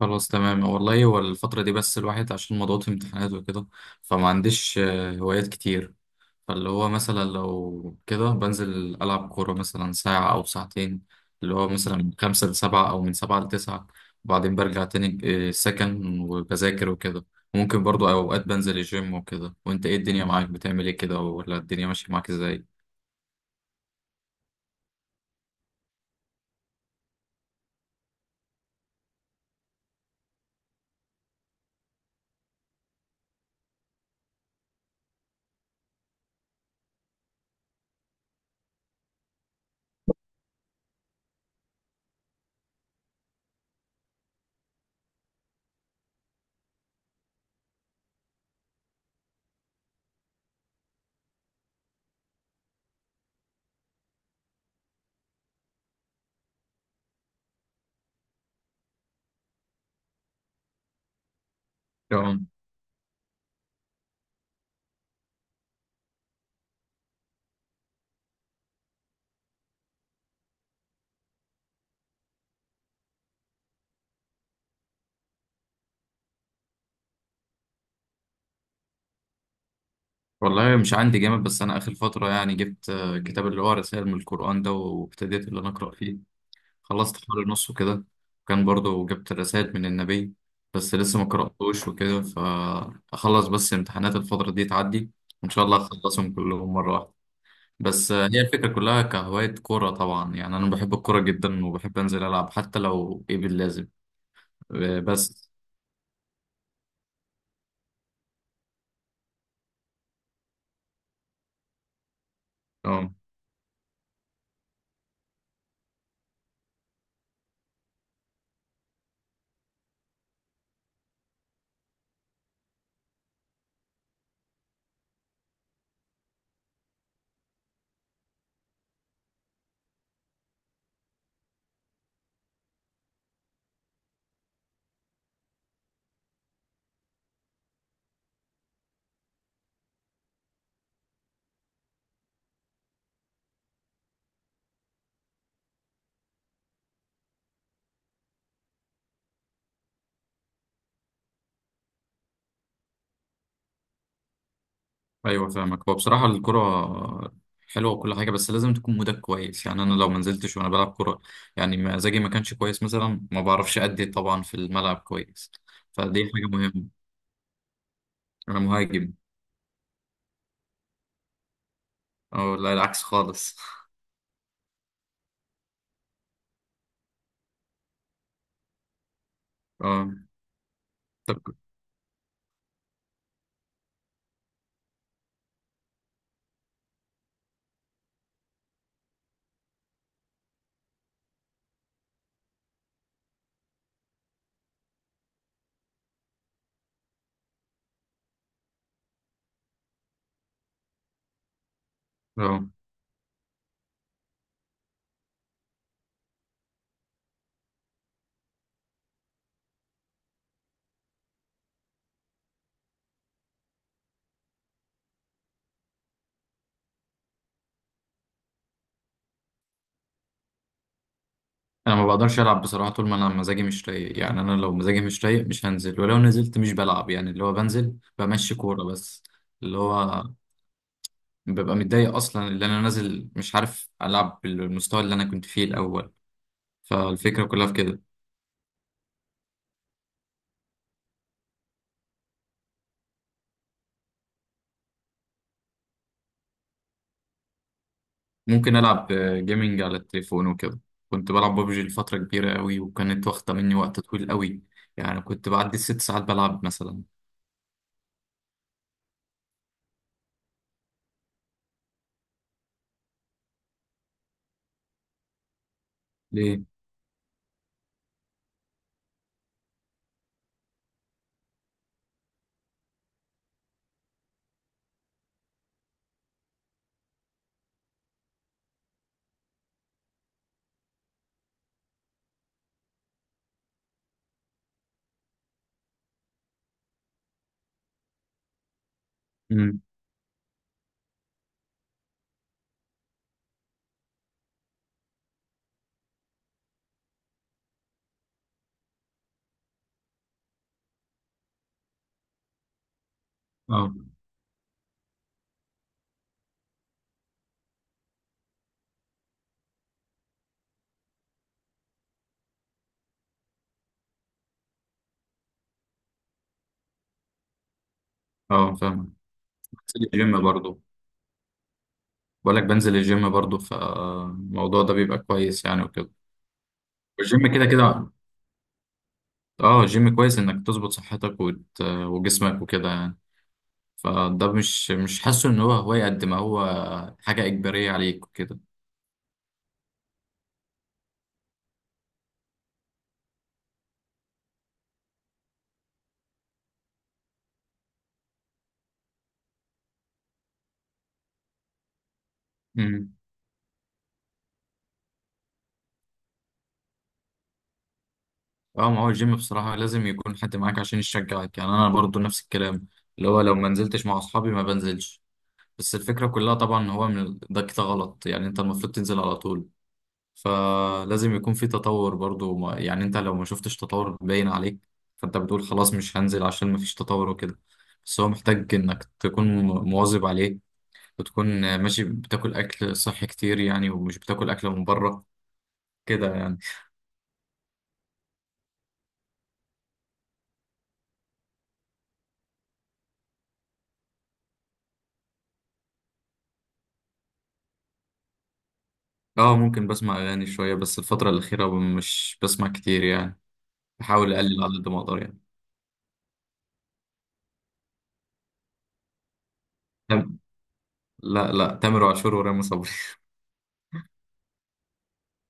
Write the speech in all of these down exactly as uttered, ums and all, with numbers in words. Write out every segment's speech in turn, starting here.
خلاص، تمام والله. هو الفترة دي بس الواحد عشان مضغوط امتحانات وكده، فما عنديش آه، هوايات كتير. فاللي هو مثلا لو كده بنزل ألعب كورة مثلا ساعة أو ساعتين، اللي هو مثلا من خمسة لسبعة أو من سبعة لتسعة، وبعدين برجع تاني آه، السكن، وبذاكر وكده. ممكن برضو أوقات بنزل الجيم وكده. وأنت إيه، الدنيا معاك بتعمل إيه كده، ولا الدنيا ماشية معاك إزاي؟ تمام. والله مش عندي جامد، بس أنا آخر فترة يعني جبت آه، كتاب اللي هو رسائل من القرآن ده، وابتديت اللي أنا أقرأ فيه. خلصت حوالي نصه كده. كان برضو جبت الرسائل من النبي، بس لسه ما قرأتوش وكده. فأخلص بس امتحانات الفترة دي تعدي، وإن شاء الله أخلصهم كلهم مرة واحدة. بس آه، هي الفكرة كلها كهواية كورة طبعا. يعني أنا بحب الكورة جدا، وبحب أنزل ألعب حتى لو إيه باللازم آه، بس اه، ايوه فاهمك. هو بصراحه الكره حلوه وكل حاجه، بس لازم تكون مودك كويس. يعني انا لو ما نزلتش وانا بلعب كره، يعني مزاجي ما كانش كويس مثلا، ما بعرفش ادي طبعا في الملعب كويس. فدي حاجه مهمه. انا مهاجم، او لا العكس خالص. اه. طب. اه، انا ما بقدرش العب بصراحه طول ما انا مزاجي مش رايق. يعني انا لو مزاجي مش رايق مش هنزل، ولو نزلت مش بلعب. يعني اللي هو بنزل بمشي كوره بس، اللي هو ببقى متضايق اصلا اللي انا نازل مش عارف العب بالمستوى اللي انا كنت فيه الاول. فالفكرة كلها في كده. ممكن ألعب جيمنج على التليفون وكده. كنت بلعب ببجي لفترة كبيرة أوي، وكانت واخدة مني وقت طويل أوي. يعني كنت بعدي الست ساعات بلعب مثلا. ليه؟ امم. اه، اه فاهم. بنزل الجيم برضه. بقولك بنزل الجيم برضه، فالموضوع ده بيبقى كويس يعني وكده. والجيم كده كده. اه، الجيم كويس إنك تظبط صحتك وت... وجسمك وكده يعني. فده مش مش حاسه إن هو هواية، قد ما هو حاجة إجبارية عليك وكده. اه. ما هو الجيم بصراحة لازم يكون حد معاك عشان يشجعك. يعني أنا برضو نفس الكلام، اللي هو لو ما نزلتش مع أصحابي ما بنزلش. بس الفكرة كلها طبعا هو من ده كده غلط. يعني أنت المفروض تنزل على طول. فلازم يكون في تطور برضو. ما يعني أنت لو ما شفتش تطور باين عليك، فأنت بتقول خلاص مش هنزل عشان ما فيش تطور وكده. بس هو محتاج إنك تكون م- مواظب عليه، وتكون ماشي بتاكل أكل صحي كتير يعني، ومش بتاكل أكل من بره كده يعني. اه، ممكن بسمع اغاني شويه، بس الفتره الاخيره مش بسمع كتير يعني. بحاول اقلل على قد ما اقدر يعني. تم... لا لا، تامر عاشور ورامي صبري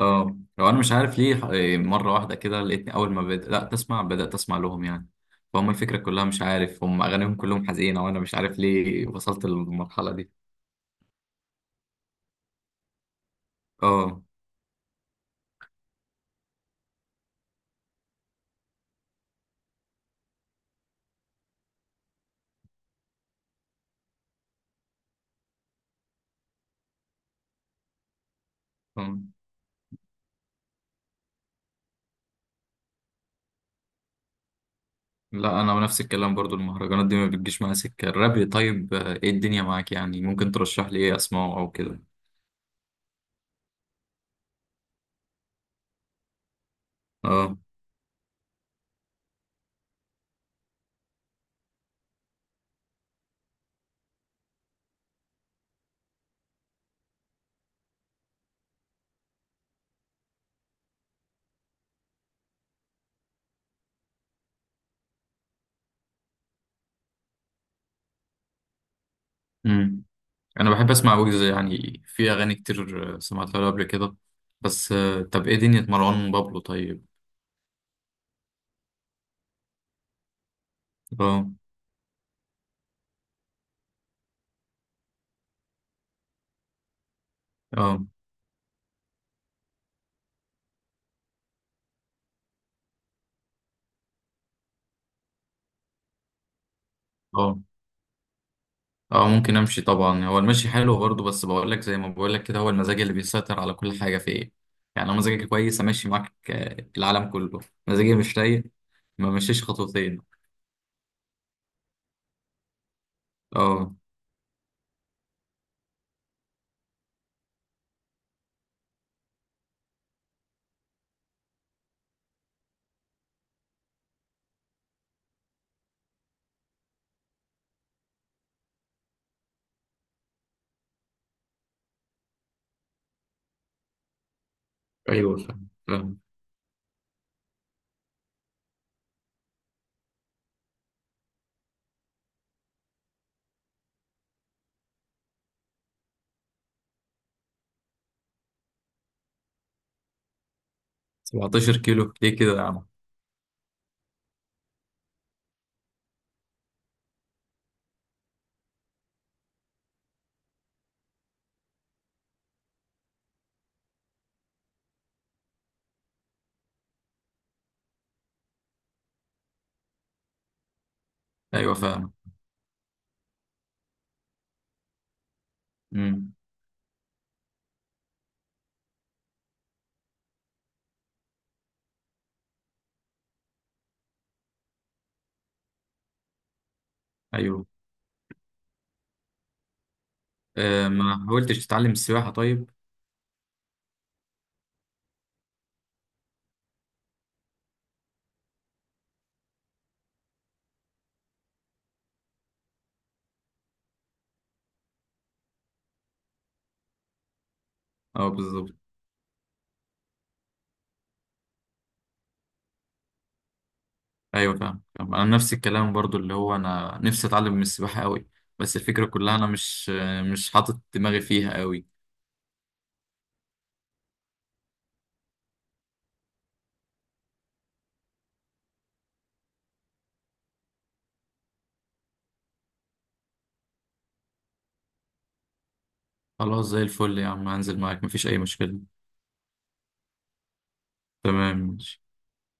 اه، لو انا مش عارف ليه ح- مره واحده كده لقيتني اول ما بدأت لا تسمع بدأت اسمع لهم يعني. فهم الفكره كلها مش عارف هم اغانيهم كلهم حزينه، وانا مش عارف ليه وصلت للمرحله دي. اه. آه. لا، انا نفس الكلام برضو. المهرجانات دي ما بتجيش معايا سكه الراب. طيب آه، ايه الدنيا معاك؟ يعني ممكن ترشح لي ايه اسمعه او كده؟ اه، انا بحب اسمع ويجز. يعني في اغاني كتير آه، سمعتها له قبل كده. بس آه، طب ايه دنيا مروان بابلو طيب؟ اه اه. اه اه، ممكن امشي طبعا. هو المشي حلو برضه، بس بقول لك زي ما بقول لك كده، هو المزاج اللي بيسيطر على كل حاجه في ايه. يعني لو مزاجك كويس امشي معاك آه، العالم كله. مزاجي مش رايق، ما مشيش خطوتين. اه، ايوه فاهم فاهم. سبعتاشر كيلو ليه كده يا عم؟ ايوه فاهم. امم. ايوه. آه، ما حاولتش تتعلم السباحه طيب؟ اه، بالظبط. ايوه فاهم فاهم. انا نفس الكلام برضو، اللي هو انا نفسي اتعلم من السباحه قوي، بس الفكره كلها انا مش مش حاطط دماغي فيها قوي. خلاص، زي الفل يا عم، هنزل معاك مفيش اي مشكله. تمام.